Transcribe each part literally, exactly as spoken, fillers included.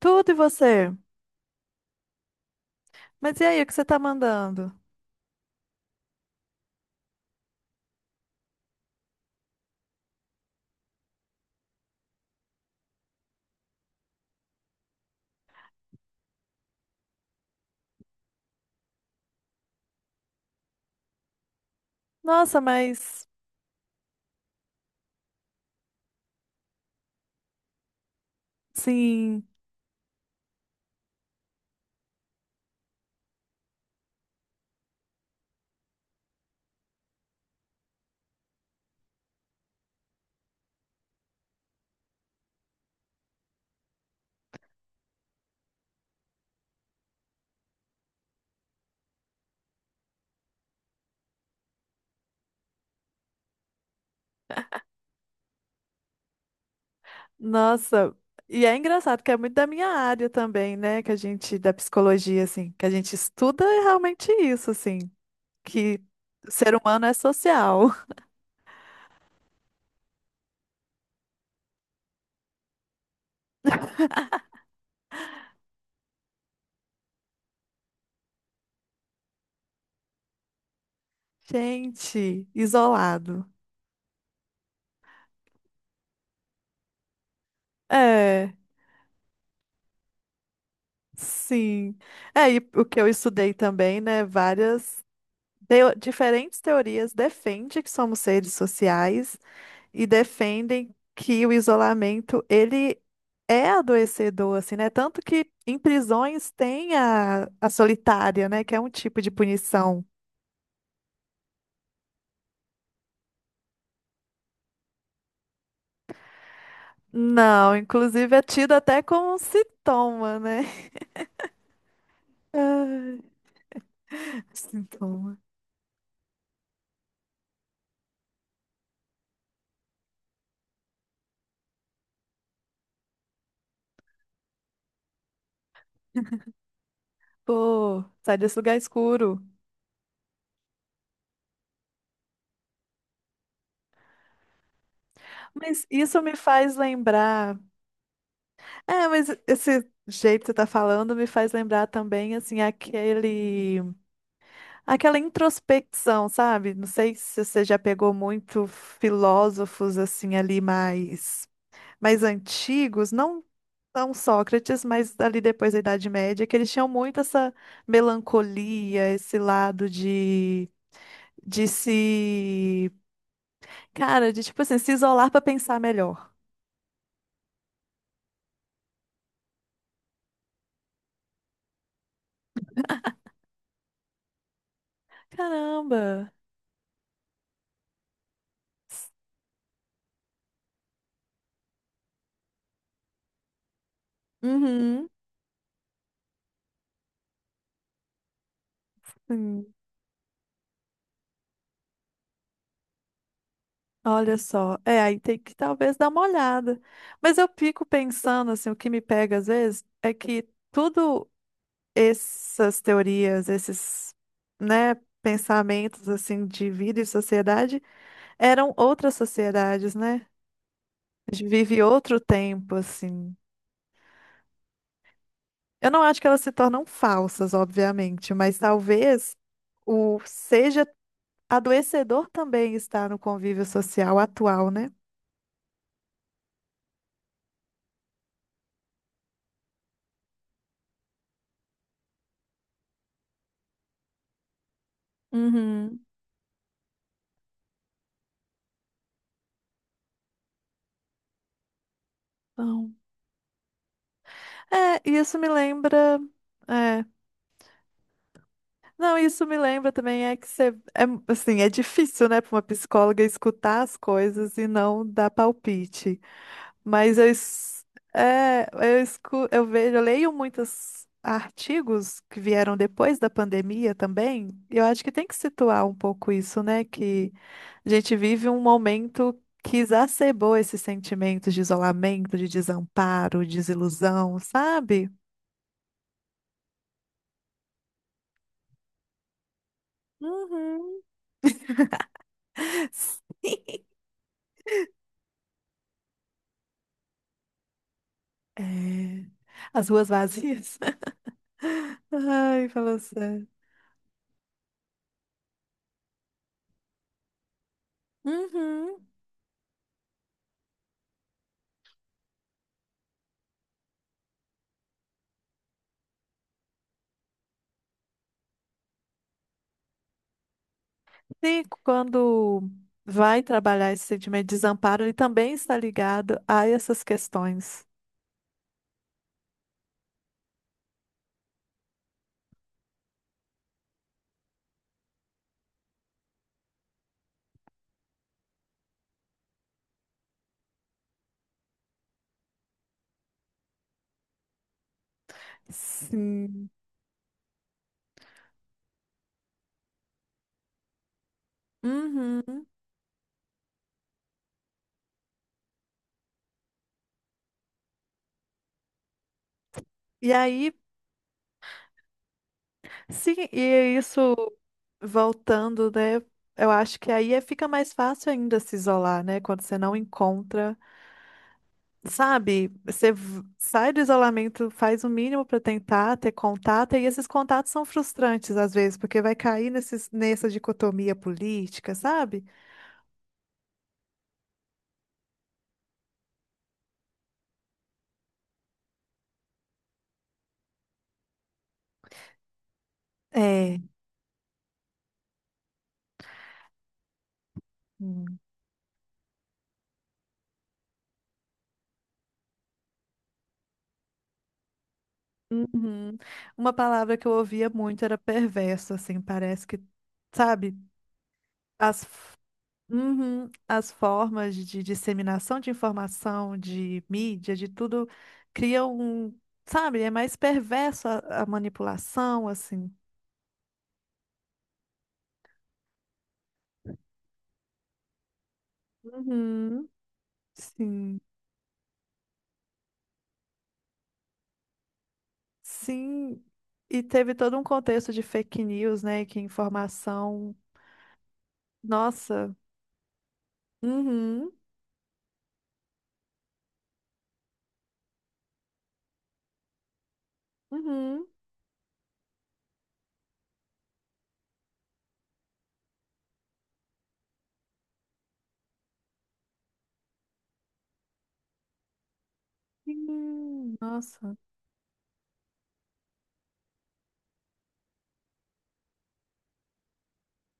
Tudo e você? Mas e aí, o que você tá mandando? Nossa, mas sim, nossa. E é engraçado que é muito da minha área também, né? Que a gente, da psicologia, assim, que a gente estuda é realmente isso, assim, que o ser humano é social. Gente, isolado. É, sim. É, e o que eu estudei também, né? Várias teo- diferentes teorias defende que somos seres sociais e defendem que o isolamento ele é adoecedor, assim, né? Tanto que em prisões tem a, a solitária, né? Que é um tipo de punição. Não, inclusive é tido até como um sintoma, né? Ai, sintoma. Pô, sai desse lugar escuro. Mas isso me faz lembrar. É, mas esse jeito que você tá falando me faz lembrar também, assim, aquele. Aquela introspecção, sabe? Não sei se você já pegou muito filósofos assim ali mais mais antigos, não não Sócrates, mas ali depois da Idade Média, que eles tinham muito essa melancolia, esse lado de de se, cara, de tipo assim, se isolar para pensar melhor. Caramba. Uhum. Sim. Olha só, é, aí tem que talvez dar uma olhada. Mas eu fico pensando assim, o que me pega às vezes é que tudo essas teorias, esses, né, pensamentos assim de vida e sociedade eram outras sociedades, né? A gente vive outro tempo assim. Eu não acho que elas se tornam falsas, obviamente, mas talvez o seja adoecedor também estar no convívio social atual, né? Uhum. Então, é, e isso me lembra. é, Não, isso me lembra também é que você, é, assim, é difícil, né, para uma psicóloga escutar as coisas e não dar palpite. Mas eu, es- é, eu, escu, eu vejo, eu leio muitos artigos que vieram depois da pandemia também. e Eu acho que tem que situar um pouco isso, né, que a gente vive um momento que exacerbou esses sentimentos de isolamento, de desamparo, desilusão, sabe? Uhum. É, as ruas vazias. Ai, falou sério. Uhum. E quando vai trabalhar esse sentimento de desamparo, ele também está ligado a essas questões. Sim. Uhum. E aí, sim, e isso voltando, né? Eu acho que aí é- fica mais fácil ainda se isolar, né? Quando você não encontra. Sabe, você v- sai do isolamento, faz o mínimo para tentar ter contato, e esses contatos são frustrantes às vezes, porque vai cair nesses, nessa dicotomia política, sabe? É. Hum. Uhum. Uma palavra que eu ouvia muito era perverso, assim, parece que, sabe, as, f- uhum. As formas de disseminação de informação, de mídia, de tudo, criam um, sabe, é mais perverso a, a manipulação, assim. Uhum. Sim, sim, e teve todo um contexto de fake news, né? Que informação. Nossa, uhum, uhum, sim, nossa,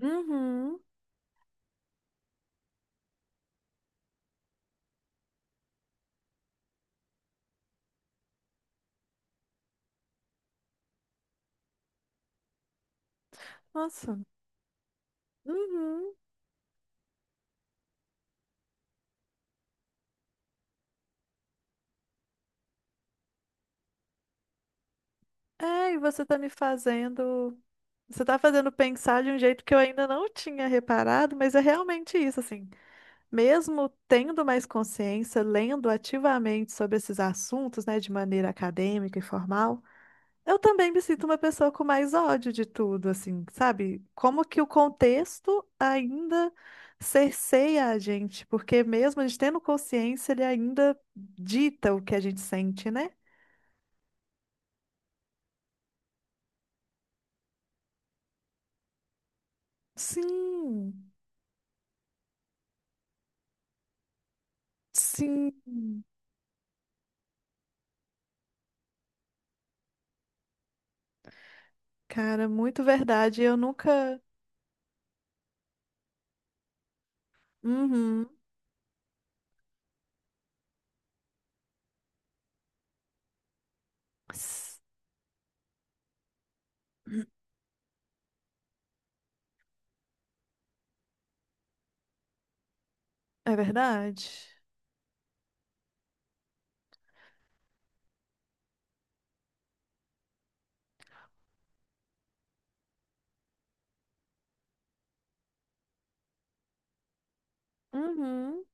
uhum, nossa, uhum. É, e você tá me fazendo. Você tá fazendo pensar de um jeito que eu ainda não tinha reparado, mas é realmente isso, assim. Mesmo tendo mais consciência, lendo ativamente sobre esses assuntos, né, de maneira acadêmica e formal. Eu também me sinto uma pessoa com mais ódio de tudo, assim, sabe? Como que o contexto ainda cerceia a gente, porque mesmo a gente tendo consciência, ele ainda dita o que a gente sente, né? Sim, sim, cara, muito verdade. Eu nunca. Uhum. S- É verdade. Uhum.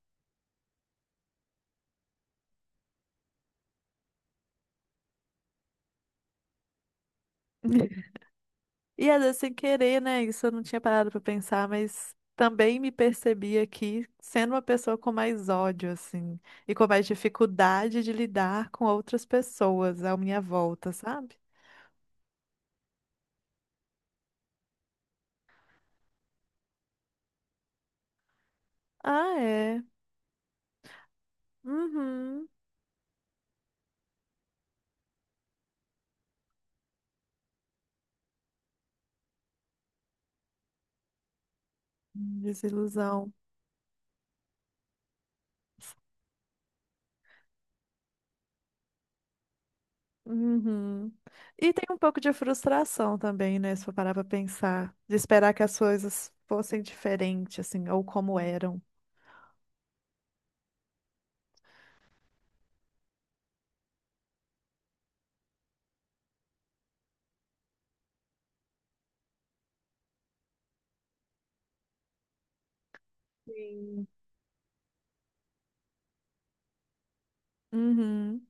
E às vezes sem querer, né? Isso eu não tinha parado pra pensar, mas também me percebi aqui sendo uma pessoa com mais ódio, assim, e com mais dificuldade de lidar com outras pessoas à minha volta, sabe? Ah, é. Uhum. Desilusão. Uhum. E tem um pouco de frustração também, né? Se eu parar pra pensar, de esperar que as coisas fossem diferentes, assim, ou como eram. Sim. Uhum.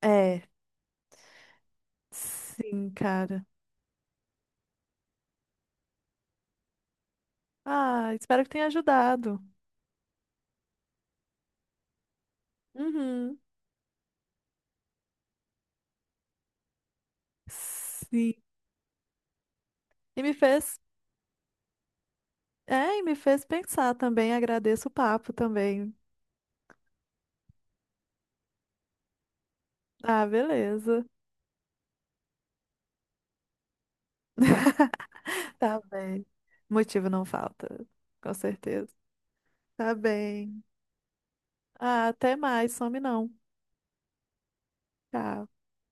É, sim, cara. Ah, espero que tenha ajudado. Uhum. Sim. E me fez, é, e me fez pensar também. Agradeço o papo também. Ah, beleza. Tá bem. Motivo não falta, com certeza. Tá bem. Ah, até mais, some não. Tchau.